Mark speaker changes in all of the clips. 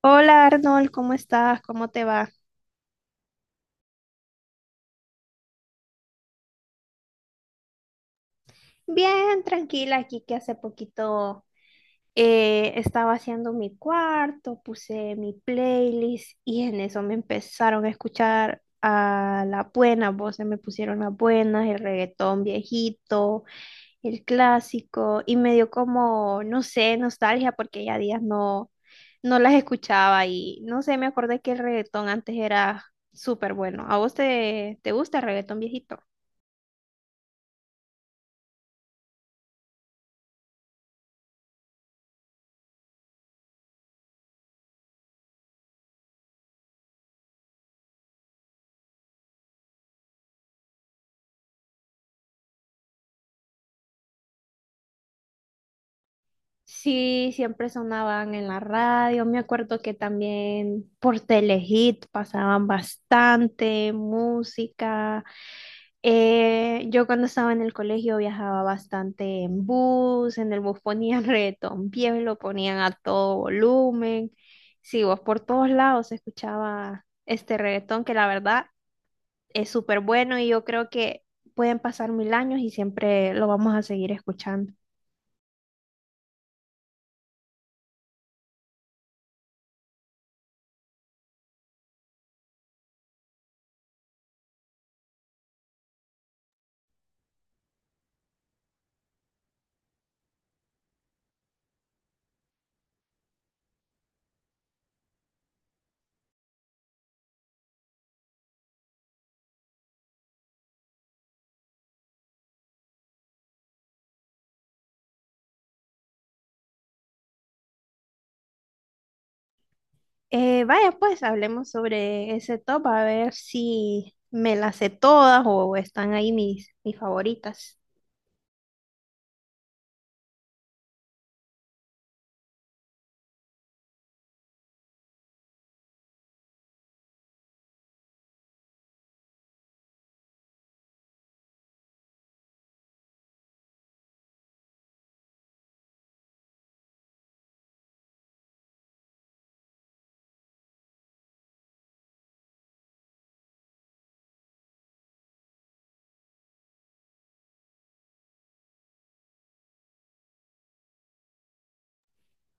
Speaker 1: Hola Arnold, ¿cómo estás? ¿Cómo te va? Bien, tranquila, aquí que hace poquito estaba haciendo mi cuarto, puse mi playlist y en eso me empezaron a escuchar a las buenas voces, me pusieron las buenas, el reggaetón viejito, el clásico y me dio como, no sé, nostalgia porque ya días no las escuchaba y no sé, me acordé que el reggaetón antes era súper bueno. ¿A vos te gusta el reggaetón viejito? Sí, siempre sonaban en la radio. Me acuerdo que también por Telehit pasaban bastante música. Yo cuando estaba en el colegio viajaba bastante en bus, en el bus ponían reggaetón viejo, lo ponían a todo volumen. Sí, vos por todos lados se escuchaba este reggaetón que la verdad es súper bueno y yo creo que pueden pasar mil años y siempre lo vamos a seguir escuchando. Vaya, pues hablemos sobre ese top, a ver si me las sé todas o están ahí mis favoritas.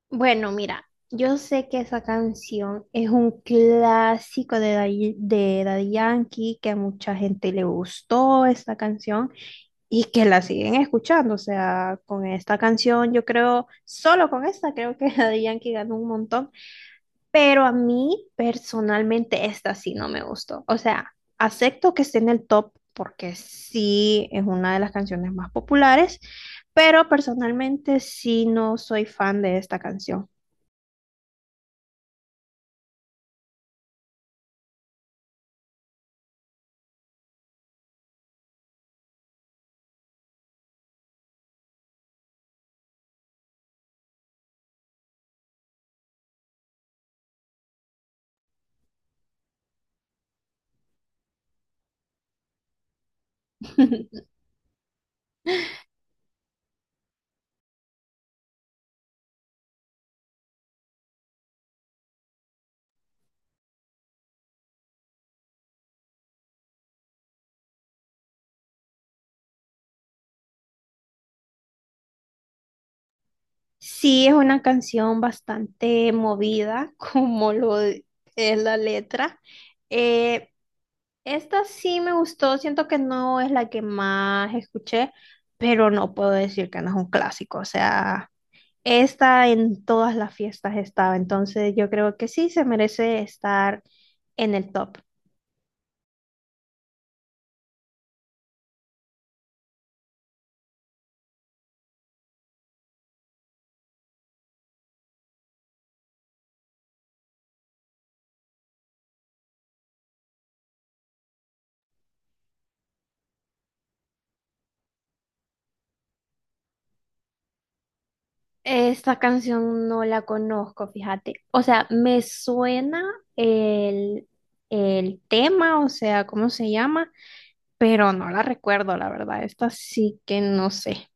Speaker 1: Bueno, mira, yo sé que esa canción es un clásico de de Daddy Yankee, que a mucha gente le gustó esta canción y que la siguen escuchando. O sea, con esta canción, yo creo, solo con esta, creo que Daddy Yankee ganó un montón. Pero a mí personalmente esta sí no me gustó. O sea, acepto que esté en el top porque sí es una de las canciones más populares, pero personalmente sí no soy fan de esta canción. Sí es una canción bastante movida, como lo es la letra. Eh, Esta sí me gustó, siento que no es la que más escuché, pero no puedo decir que no es un clásico. O sea, esta en todas las fiestas estaba, entonces yo creo que sí se merece estar en el top. Esta canción no la conozco, fíjate. O sea, me suena el, el tema, o sea, cómo se llama, pero no la recuerdo, la verdad. Esta sí que no sé.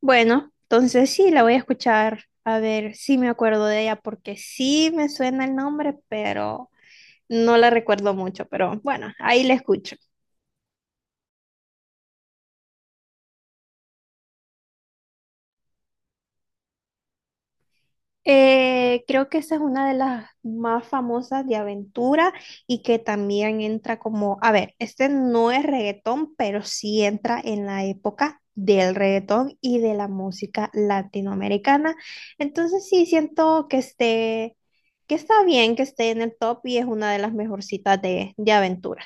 Speaker 1: Bueno, entonces sí, la voy a escuchar a ver si me acuerdo de ella, porque sí me suena el nombre, pero no la recuerdo mucho. Pero bueno, ahí la escucho. Creo que esa es una de las más famosas de aventura y que también entra como, a ver, este no es reggaetón, pero sí entra en la época del reggaetón y de la música latinoamericana. Entonces sí siento que que está bien que esté en el top y es una de las mejorcitas de aventura.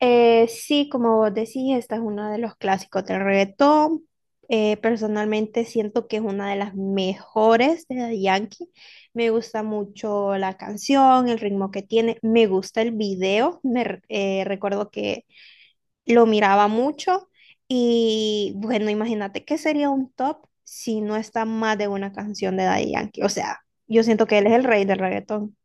Speaker 1: Sí, como vos decís, esta es uno de los clásicos del reggaetón. Personalmente siento que es una de las mejores de Daddy Yankee. Me gusta mucho la canción, el ritmo que tiene. Me gusta el video. Recuerdo que lo miraba mucho. Y bueno, imagínate qué sería un top si no está más de una canción de Daddy Yankee. O sea, yo siento que él es el rey del reggaetón.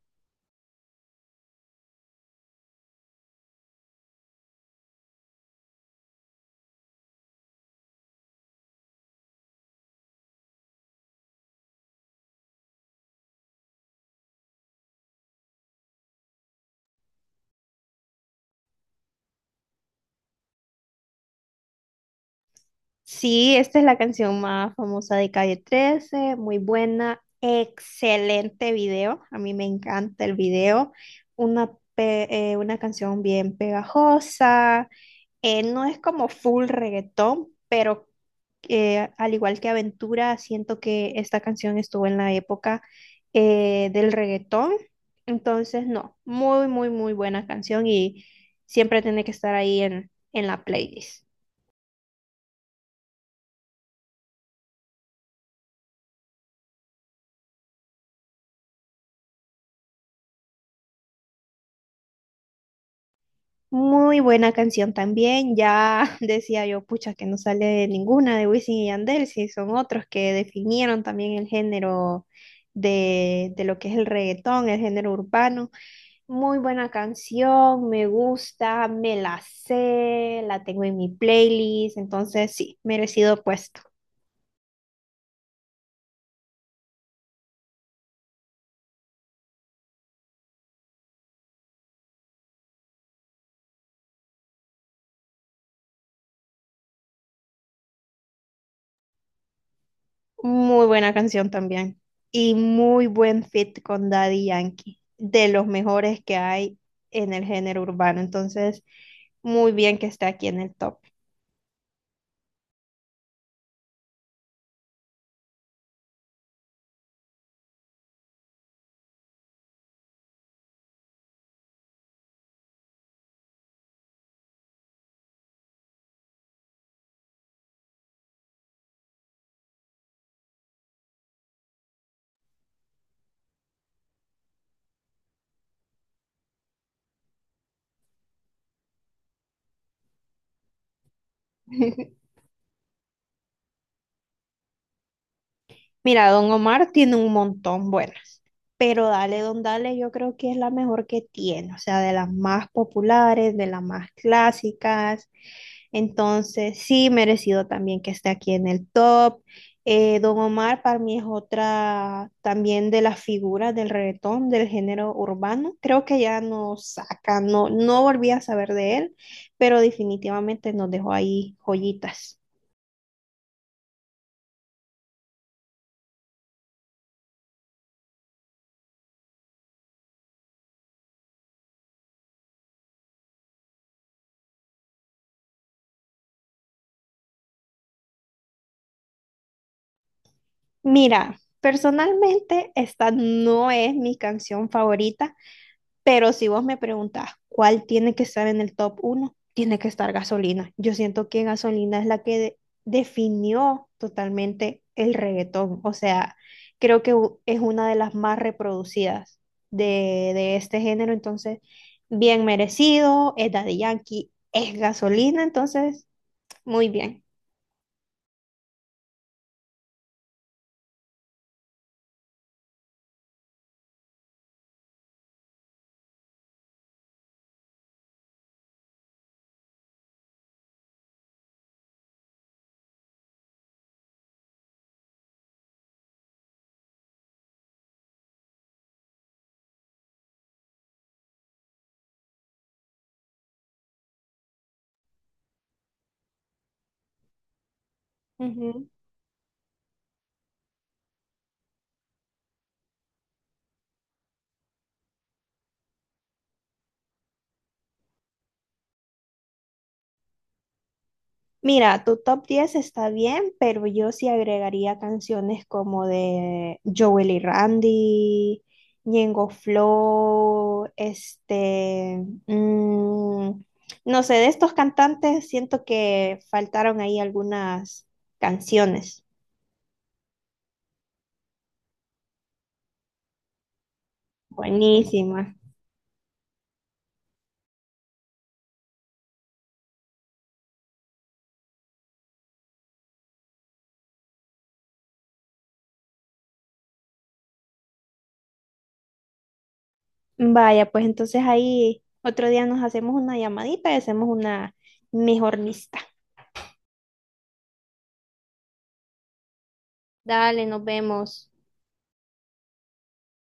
Speaker 1: Sí, esta es la canción más famosa de Calle 13, muy buena, excelente video, a mí me encanta el video, una canción bien pegajosa, no es como full reggaetón, pero al igual que Aventura, siento que esta canción estuvo en la época del reggaetón, entonces no, muy, muy, muy buena canción y siempre tiene que estar ahí en la playlist. Muy buena canción también. Ya decía yo, pucha, que no sale ninguna de Wisin y Yandel, si son otros que definieron también el género de lo que es el reggaetón, el género urbano. Muy buena canción, me gusta, me la sé, la tengo en mi playlist, entonces sí, merecido puesto. Muy buena canción también. Y muy buen fit con Daddy Yankee. De los mejores que hay en el género urbano. Entonces, muy bien que esté aquí en el top. Mira, Don Omar tiene un montón buenas, pero Dale Don Dale yo creo que es la mejor que tiene, o sea, de las más populares, de las más clásicas. Entonces, sí, merecido también que esté aquí en el top. Don Omar para mí es otra también de las figuras del reggaetón, del género urbano. Creo que ya no saca, no volví a saber de él, pero definitivamente nos dejó ahí joyitas. Mira, personalmente esta no es mi canción favorita, pero si vos me preguntás cuál tiene que estar en el top uno, tiene que estar Gasolina. Yo siento que Gasolina es la que definió totalmente el reggaetón. O sea, creo que es una de las más reproducidas de este género, entonces bien merecido, es Daddy Yankee, es Gasolina, entonces muy bien. Mira, tu top 10 está bien, pero yo sí agregaría canciones como de Joel y Randy, Ñengo Flow, este, no sé, de estos cantantes siento que faltaron ahí algunas canciones buenísimas. Vaya, pues entonces ahí otro día nos hacemos una llamadita y hacemos una mejor lista. Dale, nos vemos.